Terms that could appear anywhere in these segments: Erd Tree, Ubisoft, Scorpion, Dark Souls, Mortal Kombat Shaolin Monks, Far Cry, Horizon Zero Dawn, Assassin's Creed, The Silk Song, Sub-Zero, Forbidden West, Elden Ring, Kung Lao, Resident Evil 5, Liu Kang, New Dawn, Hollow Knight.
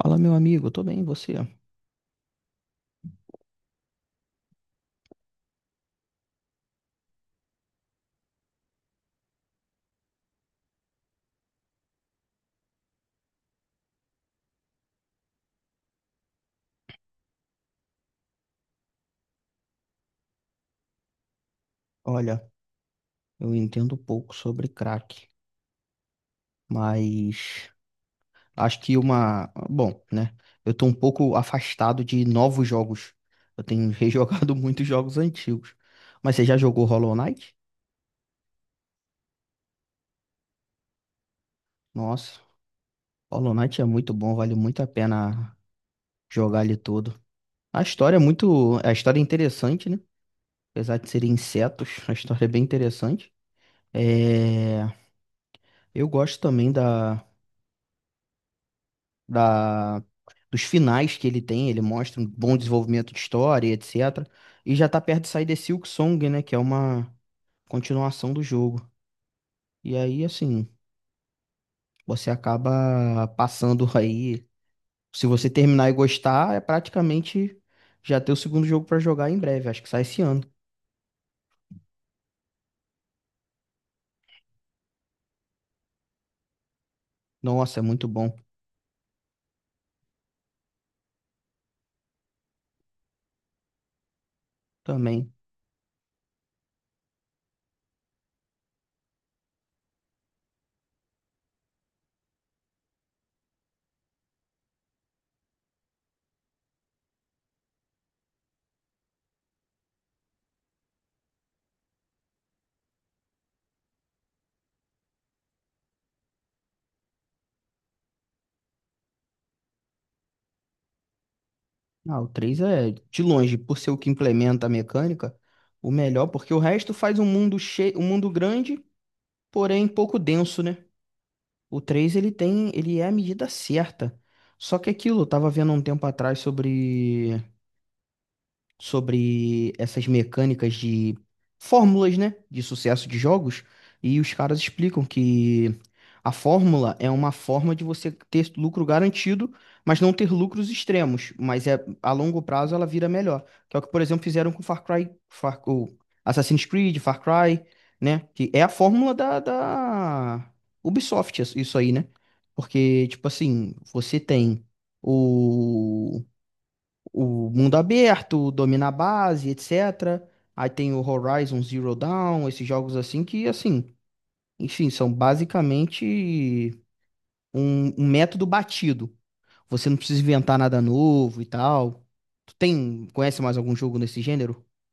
Fala, meu amigo, tô bem, e você? Olha, eu entendo pouco sobre crack, mas acho que uma. Bom, né? Eu tô um pouco afastado de novos jogos. Eu tenho rejogado muitos jogos antigos. Mas você já jogou Hollow Knight? Nossa, Hollow Knight é muito bom, vale muito a pena jogar ele todo. A história é muito. A história é interessante, né? Apesar de serem insetos, a história é bem interessante. É... Eu gosto também da, dos finais que ele tem, ele mostra um bom desenvolvimento de história, e etc. E já tá perto de sair The Silk Song, né? Que é uma continuação do jogo. E aí, assim, você acaba passando aí. Se você terminar e gostar, é praticamente já ter o segundo jogo pra jogar em breve. Acho que sai esse ano. Nossa, é muito bom também. Ah, o 3 é de longe, por ser o que implementa a mecânica, o melhor, porque o resto faz um mundo cheio, um mundo grande, porém pouco denso, né? O 3 ele tem, ele é a medida certa. Só que é aquilo, eu tava vendo um tempo atrás sobre essas mecânicas de fórmulas, né, de sucesso de jogos, e os caras explicam que a fórmula é uma forma de você ter lucro garantido, mas não ter lucros extremos, mas é a longo prazo ela vira melhor. Que é o que, por exemplo, fizeram com Far Cry, Far, o Assassin's Creed, Far Cry, né, que é a fórmula da Ubisoft, isso aí, né? Porque, tipo assim, você tem o o mundo aberto, o domina a base, etc. Aí tem o Horizon Zero Dawn, esses jogos assim que, assim, enfim, são basicamente um método batido. Você não precisa inventar nada novo e tal. Tu tem, conhece mais algum jogo nesse gênero?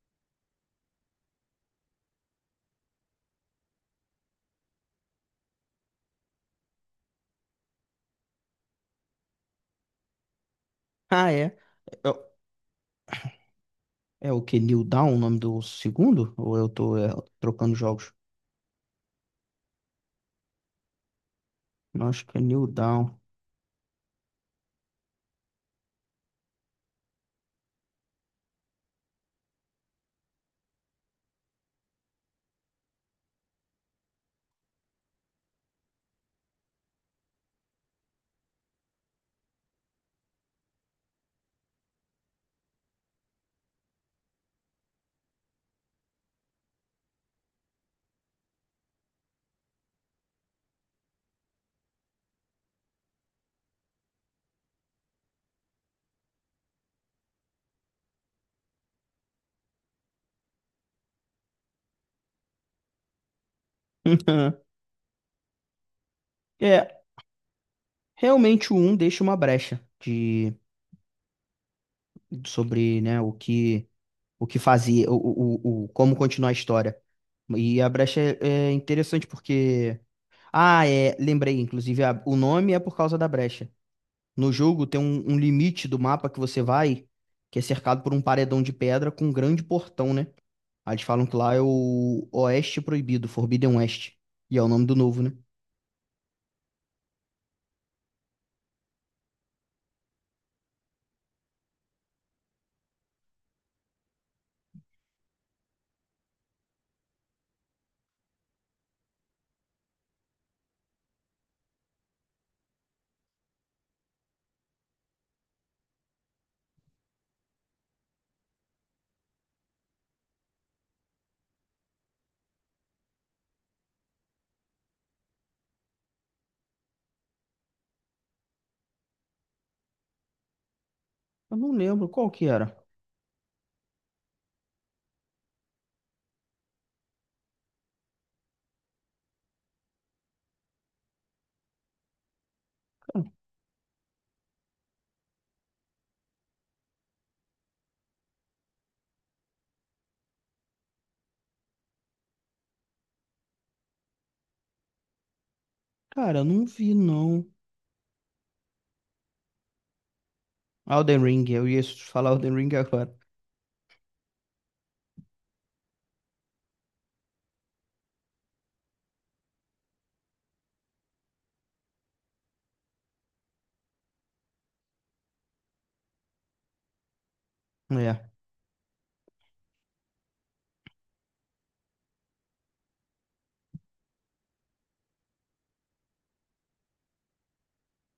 Ah, é. É, é o que? New Dawn, o nome do segundo? Ou eu tô, trocando jogos? Não, acho que é New Dawn. É, realmente o 1 deixa uma brecha de sobre, né, o que fazia, como continuar a história. E a brecha é interessante porque. Ah, é. Lembrei, inclusive, o nome é por causa da brecha. No jogo tem um limite do mapa que você vai, que é cercado por um paredão de pedra com um grande portão, né? Aí eles falam que lá é o Oeste Proibido, Forbidden West. E é o nome do novo, né? Eu não lembro qual que era. Cara, eu não vi, não. Elden Ring, eu ia falar Elden Ring agora. É.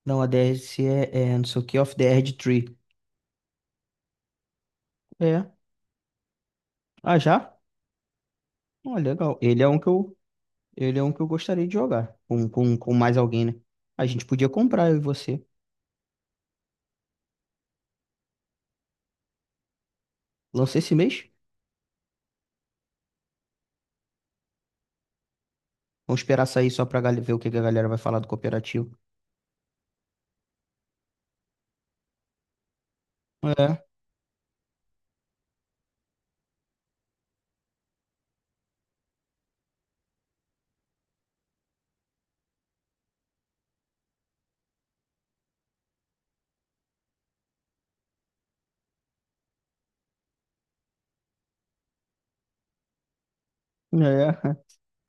Não, a DLC é não sei o que, of the Erd Tree. É. Ah, já? Ah, legal. Ele é um que eu gostaria de jogar com mais alguém, né? A gente podia comprar, eu e você. Lança esse mês? Vamos esperar sair só pra ver o que que a galera vai falar do cooperativo. É, é.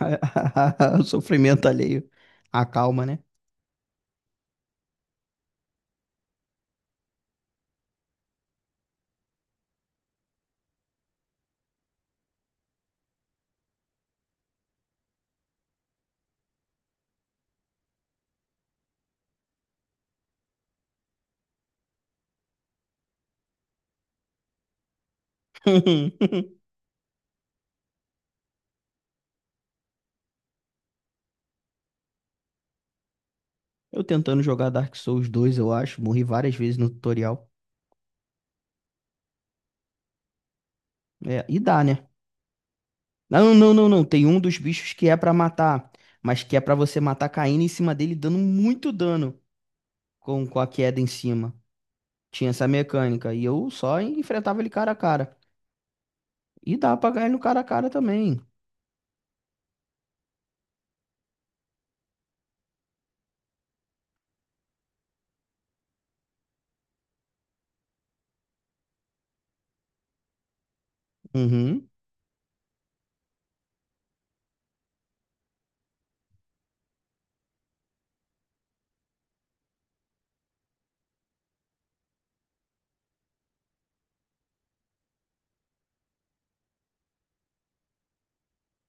O sofrimento alheio. A calma, né? Eu tentando jogar Dark Souls 2, eu acho. Morri várias vezes no tutorial. É, e dá, né? Não, não, não, não. Tem um dos bichos que é pra matar, mas que é pra você matar caindo em cima dele, dando muito dano com a queda em cima. Tinha essa mecânica. E eu só enfrentava ele cara a cara. E dá pra ganhar no cara a cara também. Uhum.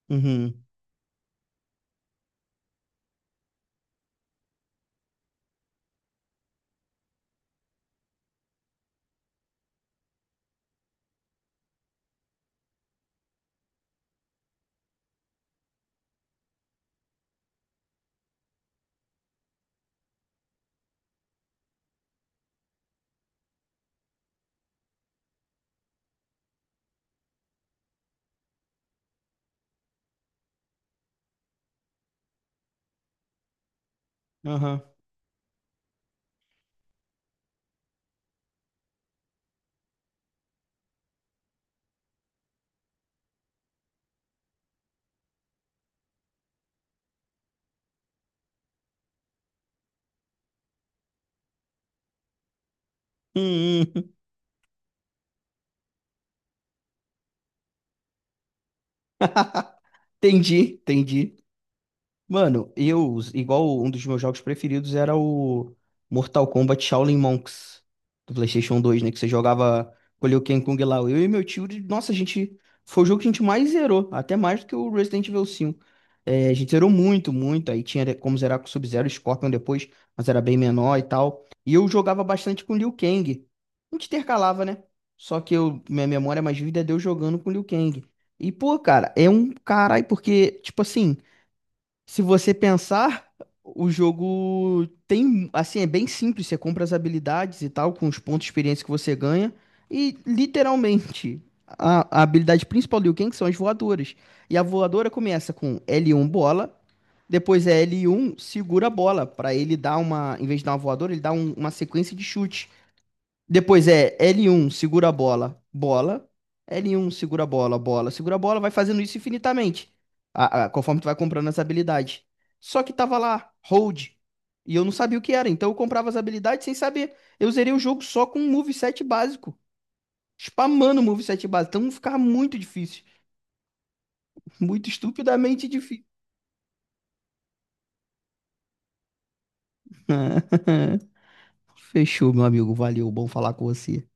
Uhum. Aham. Uhum. Entendi, entendi. Mano, eu, igual um dos meus jogos preferidos era o Mortal Kombat Shaolin Monks do PlayStation 2, né? Que você jogava com o Liu Kang e Kung Lao. Eu e meu tio, de- nossa, a gente. Foi o jogo que a gente mais zerou, até mais do que o Resident Evil 5. É, a gente zerou muito, muito. Aí tinha como zerar com o Sub-Zero e Scorpion depois, mas era bem menor e tal. E eu jogava bastante com o Liu Kang. A gente intercalava, né? Só que eu, minha memória mais vívida é de eu jogando com o Liu Kang. E, pô, cara, é um caralho, porque, tipo assim. Se você pensar, o jogo tem, assim, é bem simples, você compra as habilidades e tal, com os pontos de experiência que você ganha, e literalmente, a habilidade principal do Liu Kang são as voadoras. E a voadora começa com L1 bola, depois é L1 segura a bola, para ele dar uma, em vez de dar uma voadora, ele uma sequência de chute. Depois é L1, segura a bola, bola. L1, segura a bola, bola. Segura a bola, vai fazendo isso infinitamente. Conforme tu vai comprando essa habilidade. Só que tava lá, hold. E eu não sabia o que era. Então eu comprava as habilidades sem saber. Eu zerei o jogo só com um moveset básico. Spamando o moveset básico. Então ficava muito difícil. Muito estupidamente difícil. Fechou, meu amigo. Valeu. Bom falar com você.